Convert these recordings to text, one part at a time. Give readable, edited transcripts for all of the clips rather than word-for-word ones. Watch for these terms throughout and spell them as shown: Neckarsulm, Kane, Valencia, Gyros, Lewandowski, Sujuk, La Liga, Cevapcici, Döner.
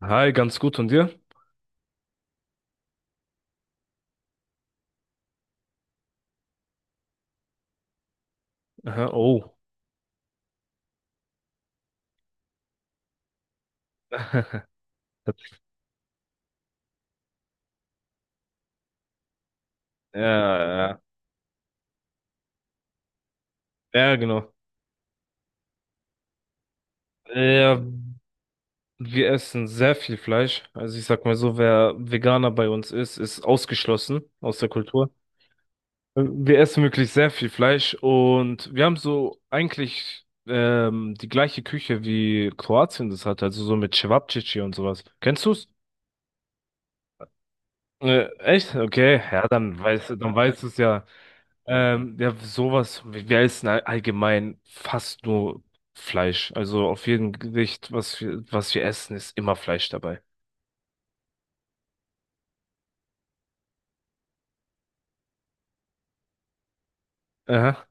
Hi, ganz gut und dir? Aha, oh. Ja, ja, ja, genau. Ja, wir essen sehr viel Fleisch. Also ich sag mal so, wer Veganer bei uns ist, ist ausgeschlossen aus der Kultur. Wir essen wirklich sehr viel Fleisch und wir haben so eigentlich die gleiche Küche wie Kroatien das hat, also so mit Cevapcici und sowas. Kennst du's? Echt? Okay, ja, dann weißt du, dann weißt du's ja. Ja, sowas, wir essen allgemein fast nur Fleisch. Also auf jedem Gericht, was wir essen, ist immer Fleisch dabei. Aha.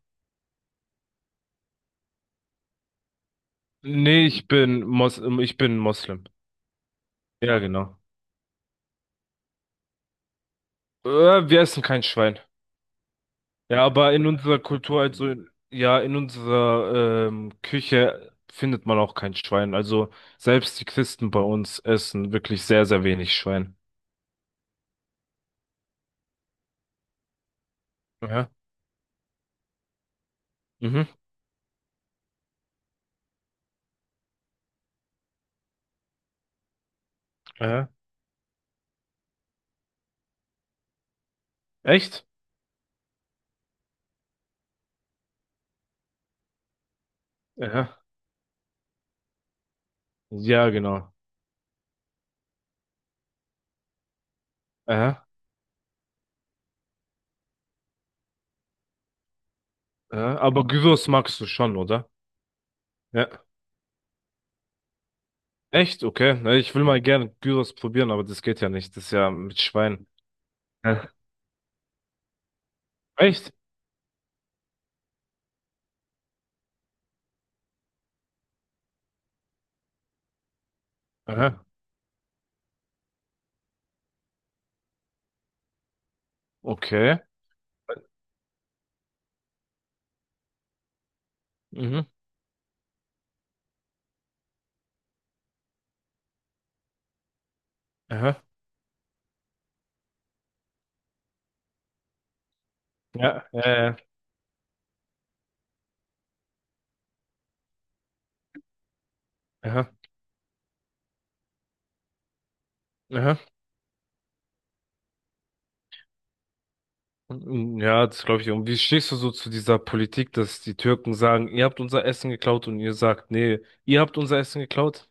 Nee, ich bin Moslem. Ja, genau. Äh, Wir essen kein Schwein. Ja, aber in unserer Kultur, also in, ja, in unserer Küche findet man auch kein Schwein. Also selbst die Christen bei uns essen wirklich sehr, sehr wenig Schwein. Aha. Mhm. Aha. Echt? Aha. Ja, genau. Ja, aber Gyros magst du schon, oder? Ja. Echt? Okay. Na, ich will mal gerne Gyros probieren, aber das geht ja nicht. Das ist ja mit Schwein. Ja. Echt? Aha. Okay. Mhm. Aha. Ja. Aha. Aha. Mm, ja, das glaube ich. Und wie stehst du so zu dieser Politik, dass die Türken sagen, ihr habt unser Essen geklaut und ihr sagt, nee, ihr habt unser Essen geklaut?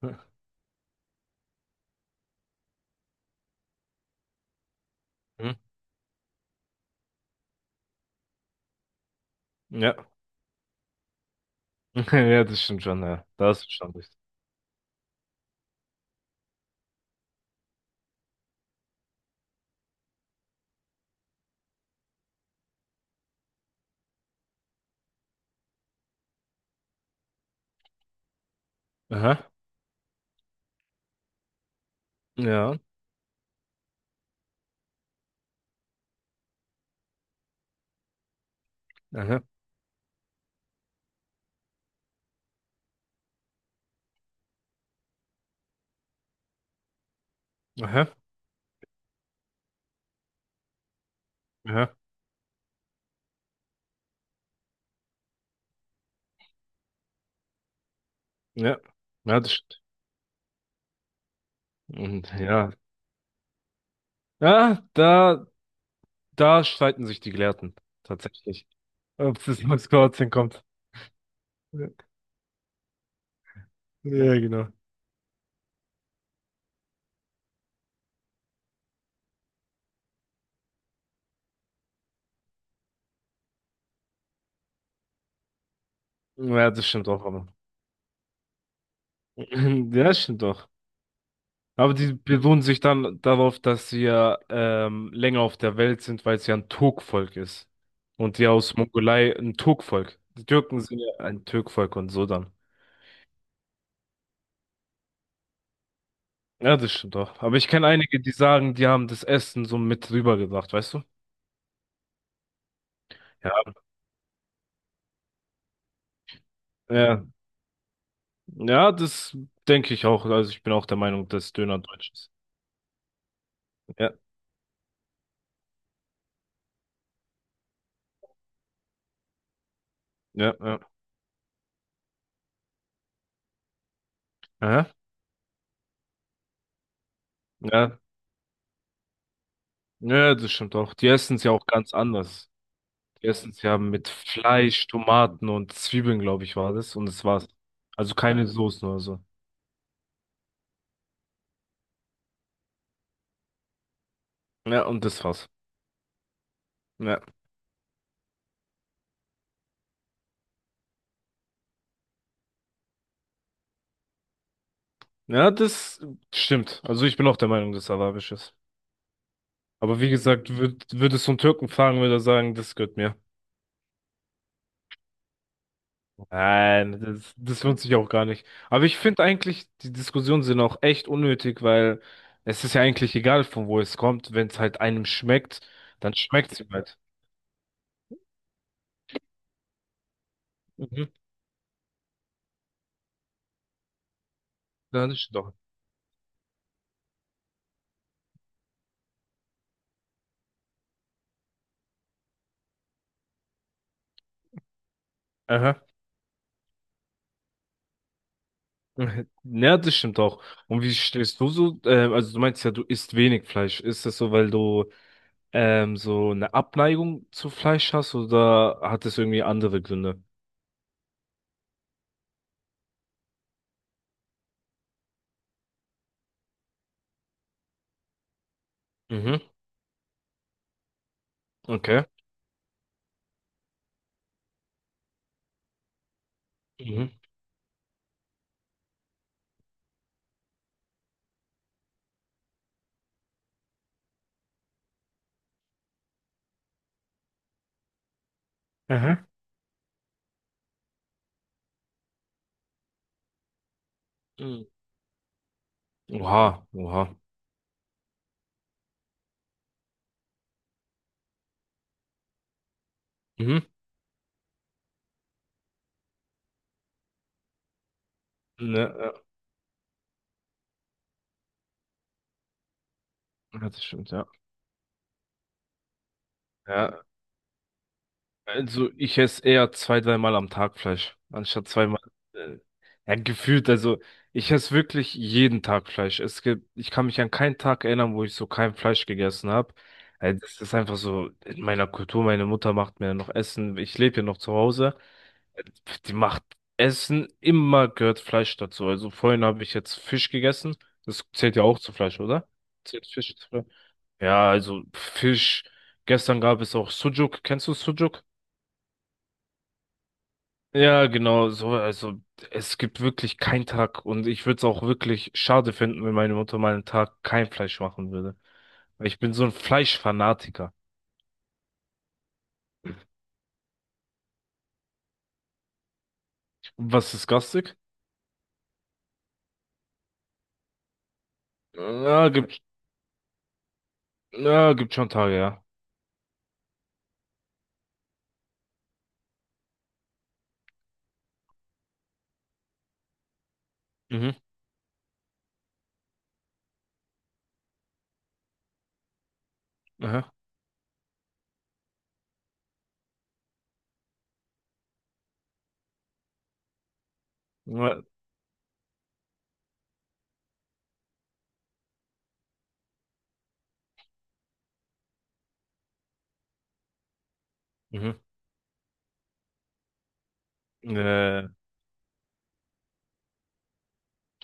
Mhm. Ja. Ja, das stimmt schon, ja. Da hast du schon recht. Aha. Ja. Aha. Aha. Aha. Ja. Ja, das stimmt. Und ja, ja, da, da streiten sich die Gelehrten tatsächlich, ob es jetzt aus Kroatien kommt. Ja, ja, genau. Ja, das stimmt auch, aber. Ja, das stimmt doch. Aber die beruhen sich dann darauf, dass sie ja länger auf der Welt sind, weil es ja ein Turkvolk ist. Und die aus Mongolei ein Turkvolk. Die Türken sind ja ein Türkvolk und so dann. Ja, das stimmt doch. Aber ich kenne einige, die sagen, die haben das Essen so mit rübergebracht, weißt du? Ja, ja. Ja, das denke ich auch. Also ich bin auch der Meinung, dass Döner deutsch ist. Ja, ja, ja. Aha, ja. Ja, das stimmt auch. Die essen es ja auch ganz anders. Die essen es ja mit Fleisch, Tomaten und Zwiebeln, glaube ich, war das. Und das war's. Also keine Soßen oder so. Ja, und das war's. Ja. Ja, das stimmt. Also ich bin auch der Meinung, dass es arabisch ist. Aber wie gesagt, würdest du einen Türken fragen, würde er sagen, das gehört mir. Nein, das lohnt sich auch gar nicht. Aber ich finde eigentlich, die Diskussionen sind auch echt unnötig, weil es ist ja eigentlich egal, von wo es kommt. Wenn es halt einem schmeckt, dann schmeckt es ihm halt. Mhm. Ja, das stimmt doch. Aha. Ja, das stimmt auch. Und wie stehst du so? Also du meinst ja, du isst wenig Fleisch. Ist das so, weil du so eine Abneigung zu Fleisch hast oder hat das irgendwie andere Gründe? Mhm. Okay. Mhm. Aha. Mhm. Oha, oha. Mhm. Ne, ja, das stimmt, ja. Ja, also ich esse eher zwei, dreimal am Tag Fleisch, anstatt zweimal. Äh, ja, gefühlt, also ich esse wirklich jeden Tag Fleisch. Es gibt, ich kann mich an keinen Tag erinnern, wo ich so kein Fleisch gegessen habe. Das ist einfach so in meiner Kultur. Meine Mutter macht mir noch Essen. Ich lebe ja noch zu Hause. Äh, Die macht Essen, immer gehört Fleisch dazu. Also vorhin habe ich jetzt Fisch gegessen. Das zählt ja auch zu Fleisch, oder? Zählt Fisch zu Fleisch? Ja, also Fisch. Gestern gab es auch Sujuk. Kennst du Sujuk? Ja, genau, so, also es gibt wirklich keinen Tag und ich würde es auch wirklich schade finden, wenn meine Mutter mal einen Tag kein Fleisch machen würde. Weil ich bin so ein Fleischfanatiker. Was ist garstig? Ja, ja gibt schon Tage, ja. Mhm, aha, na, mhm. Äh,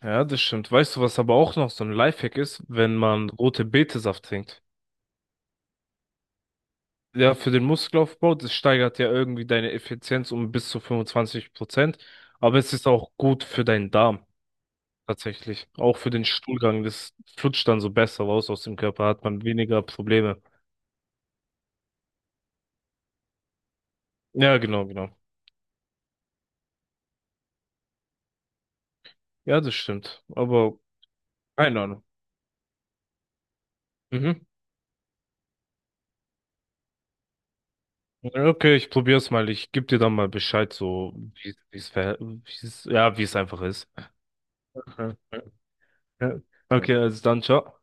ja, das stimmt. Weißt du, was aber auch noch so ein Lifehack ist, wenn man rote Betesaft trinkt? Ja, für den Muskelaufbau, das steigert ja irgendwie deine Effizienz um bis zu 25%. Aber es ist auch gut für deinen Darm, tatsächlich. Auch für den Stuhlgang. Das flutscht dann so besser raus aus dem Körper, hat man weniger Probleme. Ja, genau, genau. Ja, das stimmt. Aber keine Ahnung. Mhm. Okay, ich probier's mal. Ich geb dir dann mal Bescheid, so wie es, ja, wie es einfach ist. Ja. Okay, also dann, ciao.